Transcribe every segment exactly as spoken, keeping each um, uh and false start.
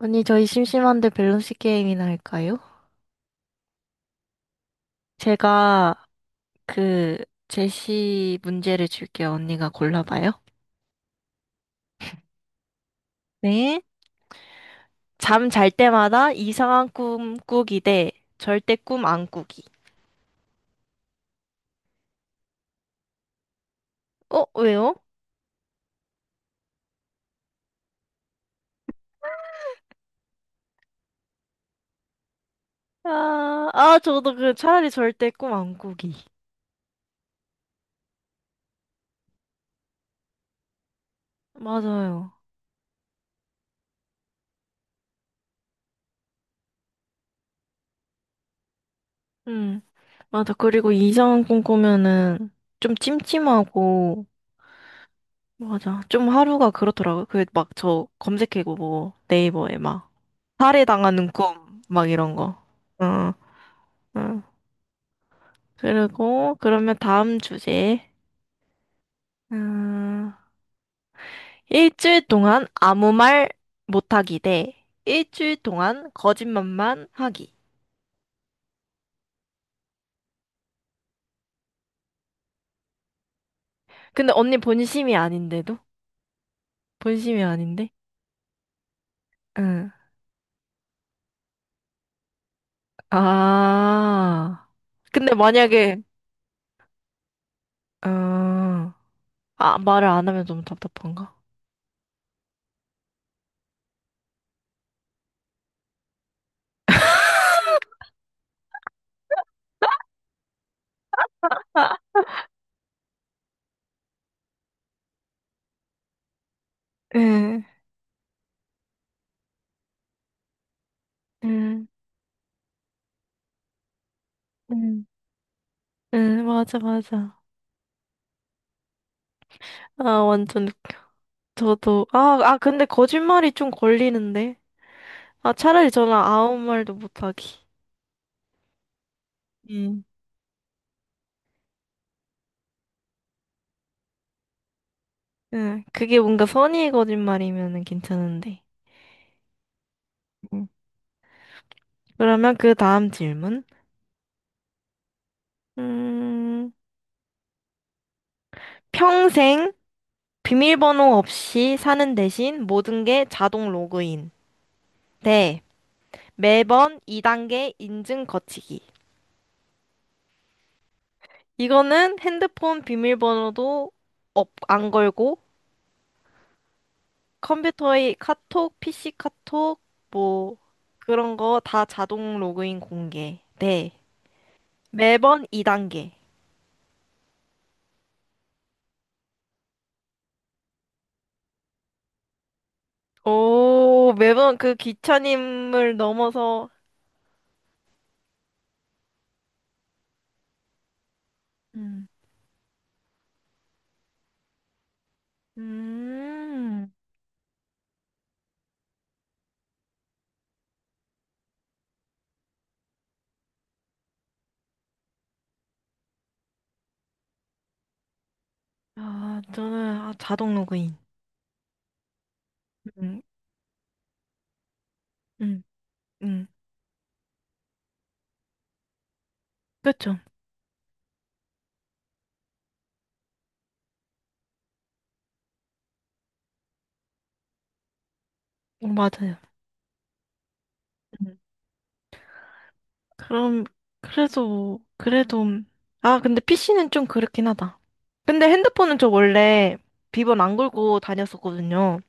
언니, 저희 심심한데 밸런스 게임이나 할까요? 제가 그 제시 문제를 줄게요. 언니가 골라봐요. 네. 잠 잘 때마다 이상한 꿈 꾸기 대 절대 꿈 안 꾸기. 어, 왜요? 아, 아, 저도 그 차라리 절대 꿈 안 꾸기. 맞아요. 음. 맞아. 그리고 이상한 꿈 꾸면은 좀 찜찜하고, 맞아. 좀 하루가 그렇더라고요. 그 막 저 검색해고 뭐 네이버에 막. 살해당하는 꿈, 막 이런 거. 어, 어. 그리고, 그러면 다음 주제. 음, 일주일 동안 아무 말 못하기 대 일주일 동안 거짓말만 하기. 근데 언니 본심이 아닌데도? 본심이 아닌데? 응. 아. 근데 만약에, 어, 아, 말을 안 하면 너무 답답한가? 응, 응, 응, 응, 맞아, 맞아. 아, 완전 저도, 아, 아, 근데 거짓말이 좀 걸리는데. 아, 차라리 저는 아무 말도 못하기. 음. 응, 그게 뭔가 선의의 거짓말이면은 괜찮은데. 음. 그러면 그 다음 질문. 음, 평생 비밀번호 없이 사는 대신 모든 게 자동 로그인. 네. 매번 이 단계 인증 거치기. 이거는 핸드폰 비밀번호도 없, 안 걸고 컴퓨터의 카톡, 피씨 카톡, 뭐 그런 거 다 자동 로그인 공개. 네. 매번 이 단계. 오, 매번 그 귀차님을 넘어서 음. 음. 아, 저는 아, 자동 로그인. 음. 음. 음. 그렇죠. 어, 맞아요. 음. 그럼 그래서 뭐 그래도 아, 근데 피씨는 좀 그렇긴 하다. 근데 핸드폰은 저 원래 비번 안 걸고 다녔었거든요.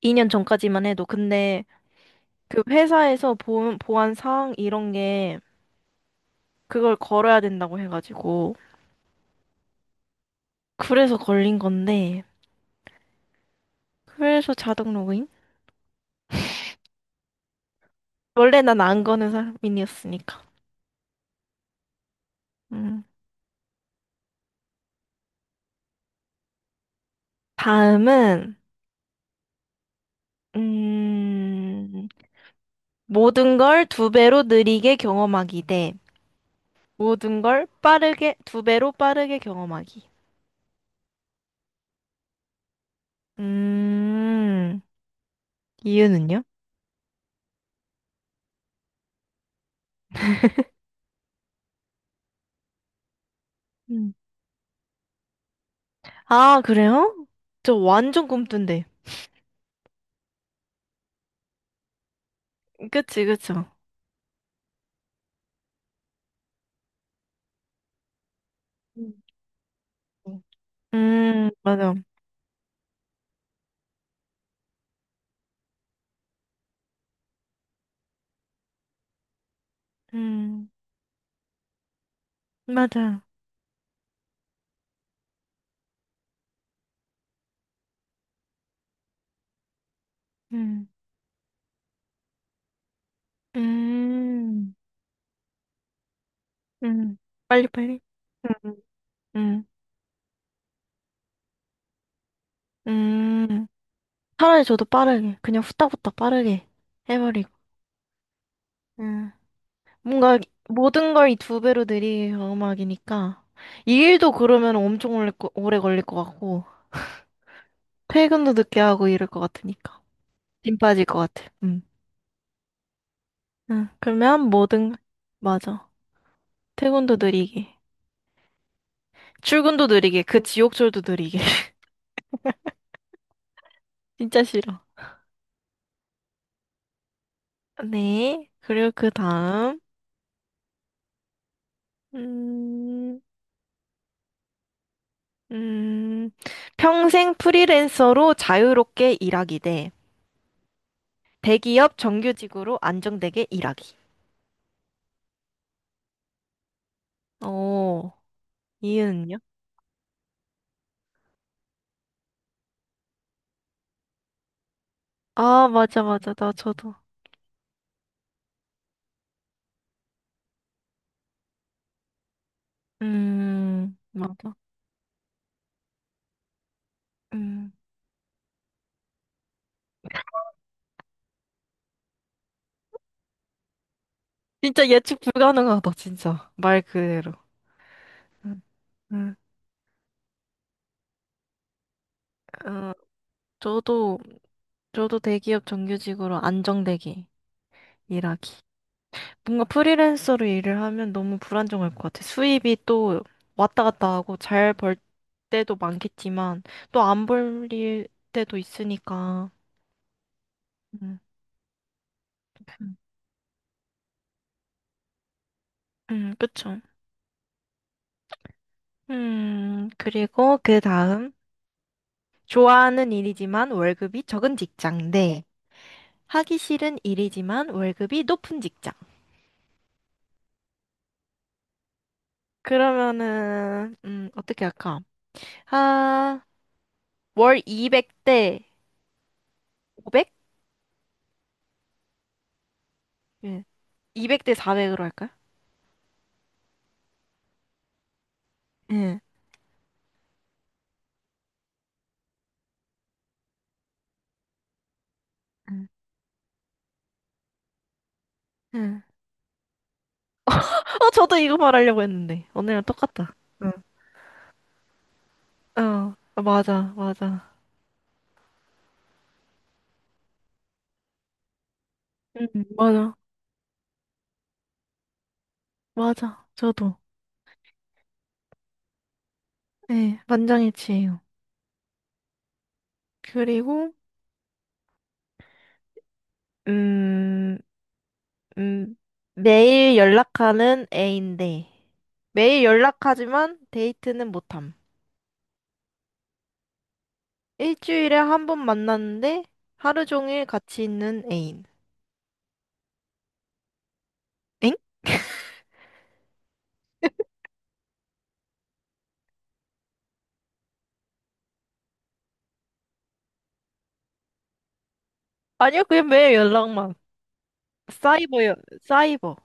이 년 전까지만 해도. 근데 그 회사에서 보, 보안 사항 이런 게 그걸 걸어야 된다고 해가지고. 그래서 걸린 건데. 그래서 자동 로그인? 원래 난 안 거는 사람이었으니까. 음. 다음은, 음, 모든 걸 두 배로 느리게 경험하기 대 모든 걸 빠르게, 두 배로 빠르게 경험하기. 음, 이유는요? 음. 아, 그래요? 저 완전 꿈뜬데. 그치, 그쵸. 음, 맞아. 음, 맞아. 음, 음, 음. 빨리빨리. 음, 음, 음. 차라리 저도 빠르게, 그냥 후딱후딱 빠르게 해버리고. 음. 뭔가 모든 걸 이 두 배로 느리게 경험하기니까. 이 일도 그러면 엄청 오래, 거- 오래 걸릴 것 같고, 퇴근도 늦게 하고 이럴 것 같으니까. 힘 빠질 것 같아. 음. 응, 그러면 모든, 맞아. 퇴근도 느리게. 출근도 느리게. 그 지옥철도 느리게. 진짜 싫어. 네. 그리고 그 다음, 음, 음, 평생 프리랜서로 자유롭게 일하기 대 대기업 정규직으로 안정되게 일하기. 오, 이은은요? 아, 맞아, 맞아. 나 저도. 음, 맞아. 음. 진짜 예측 불가능하다, 진짜. 말 그대로. 음, 음. 어, 저도, 저도 대기업 정규직으로 안정되게 일하기. 뭔가 프리랜서로 일을 하면 너무 불안정할 것 같아. 수입이 또 왔다 갔다 하고 잘 벌 때도 많겠지만 또 안 벌 때도 있으니까. 음, 음, 그쵸. 음, 그리고 그 다음. 좋아하는 일이지만 월급이 적은 직장 대 하기 싫은 일이지만 월급이 높은 직장. 그러면은, 음, 어떻게 할까? 아, 월 이백 대 오백? 예. 이백 대 사백으로 할까요? 예. 응. 어, 저도 이거 말하려고 했는데. 언니랑 똑같다. 응. 어, 어, 맞아, 맞아. 응, 맞아. 맞아. 저도. 네, 만장일치예요. 그리고, 음, 음, 매일 연락하는 애인데, 매일 연락하지만 데이트는 못함. 일주일에 한 번 만났는데, 하루 종일 같이 있는 애인. 엥? 아니요, 그냥 매일 연락만. 사이버요, 사이버.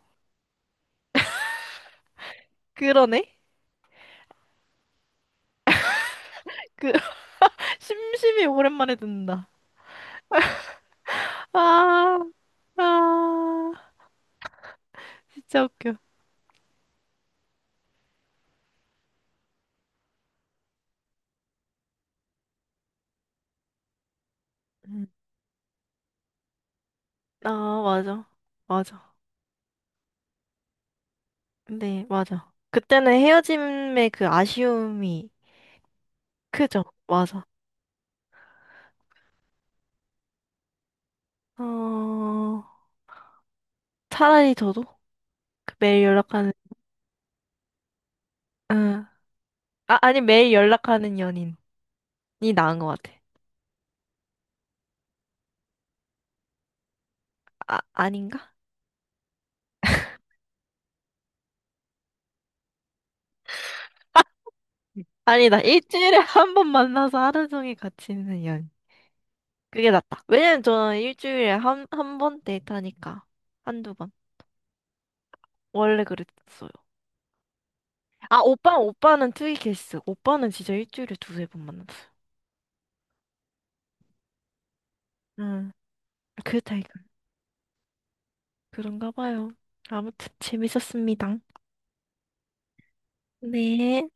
그러네? 그, 심심이 오랜만에 듣는다. 아, 아, 진짜 웃겨. 음. 아, 맞아. 맞아. 네, 맞아. 그때는 헤어짐의 그 아쉬움이 크죠. 맞아. 어, 차라리 저도 그 매일 연락하는, 응. 아, 아니, 매일 연락하는 연인이 나은 것 같아. 아, 아닌가? 아니다. 일주일에 한 번 만나서 하루 종일 같이 있는 연. 그게 낫다. 왜냐면 저는 일주일에 한, 한 번 데이트하니까. 한두 번. 원래 그랬어요. 아, 오빠, 오빠는 투이 케이스. 오빠는 진짜 일주일에 두세 번 만났어요. 응. 그 타입. 그런가 봐요. 아무튼 재밌었습니다. 네.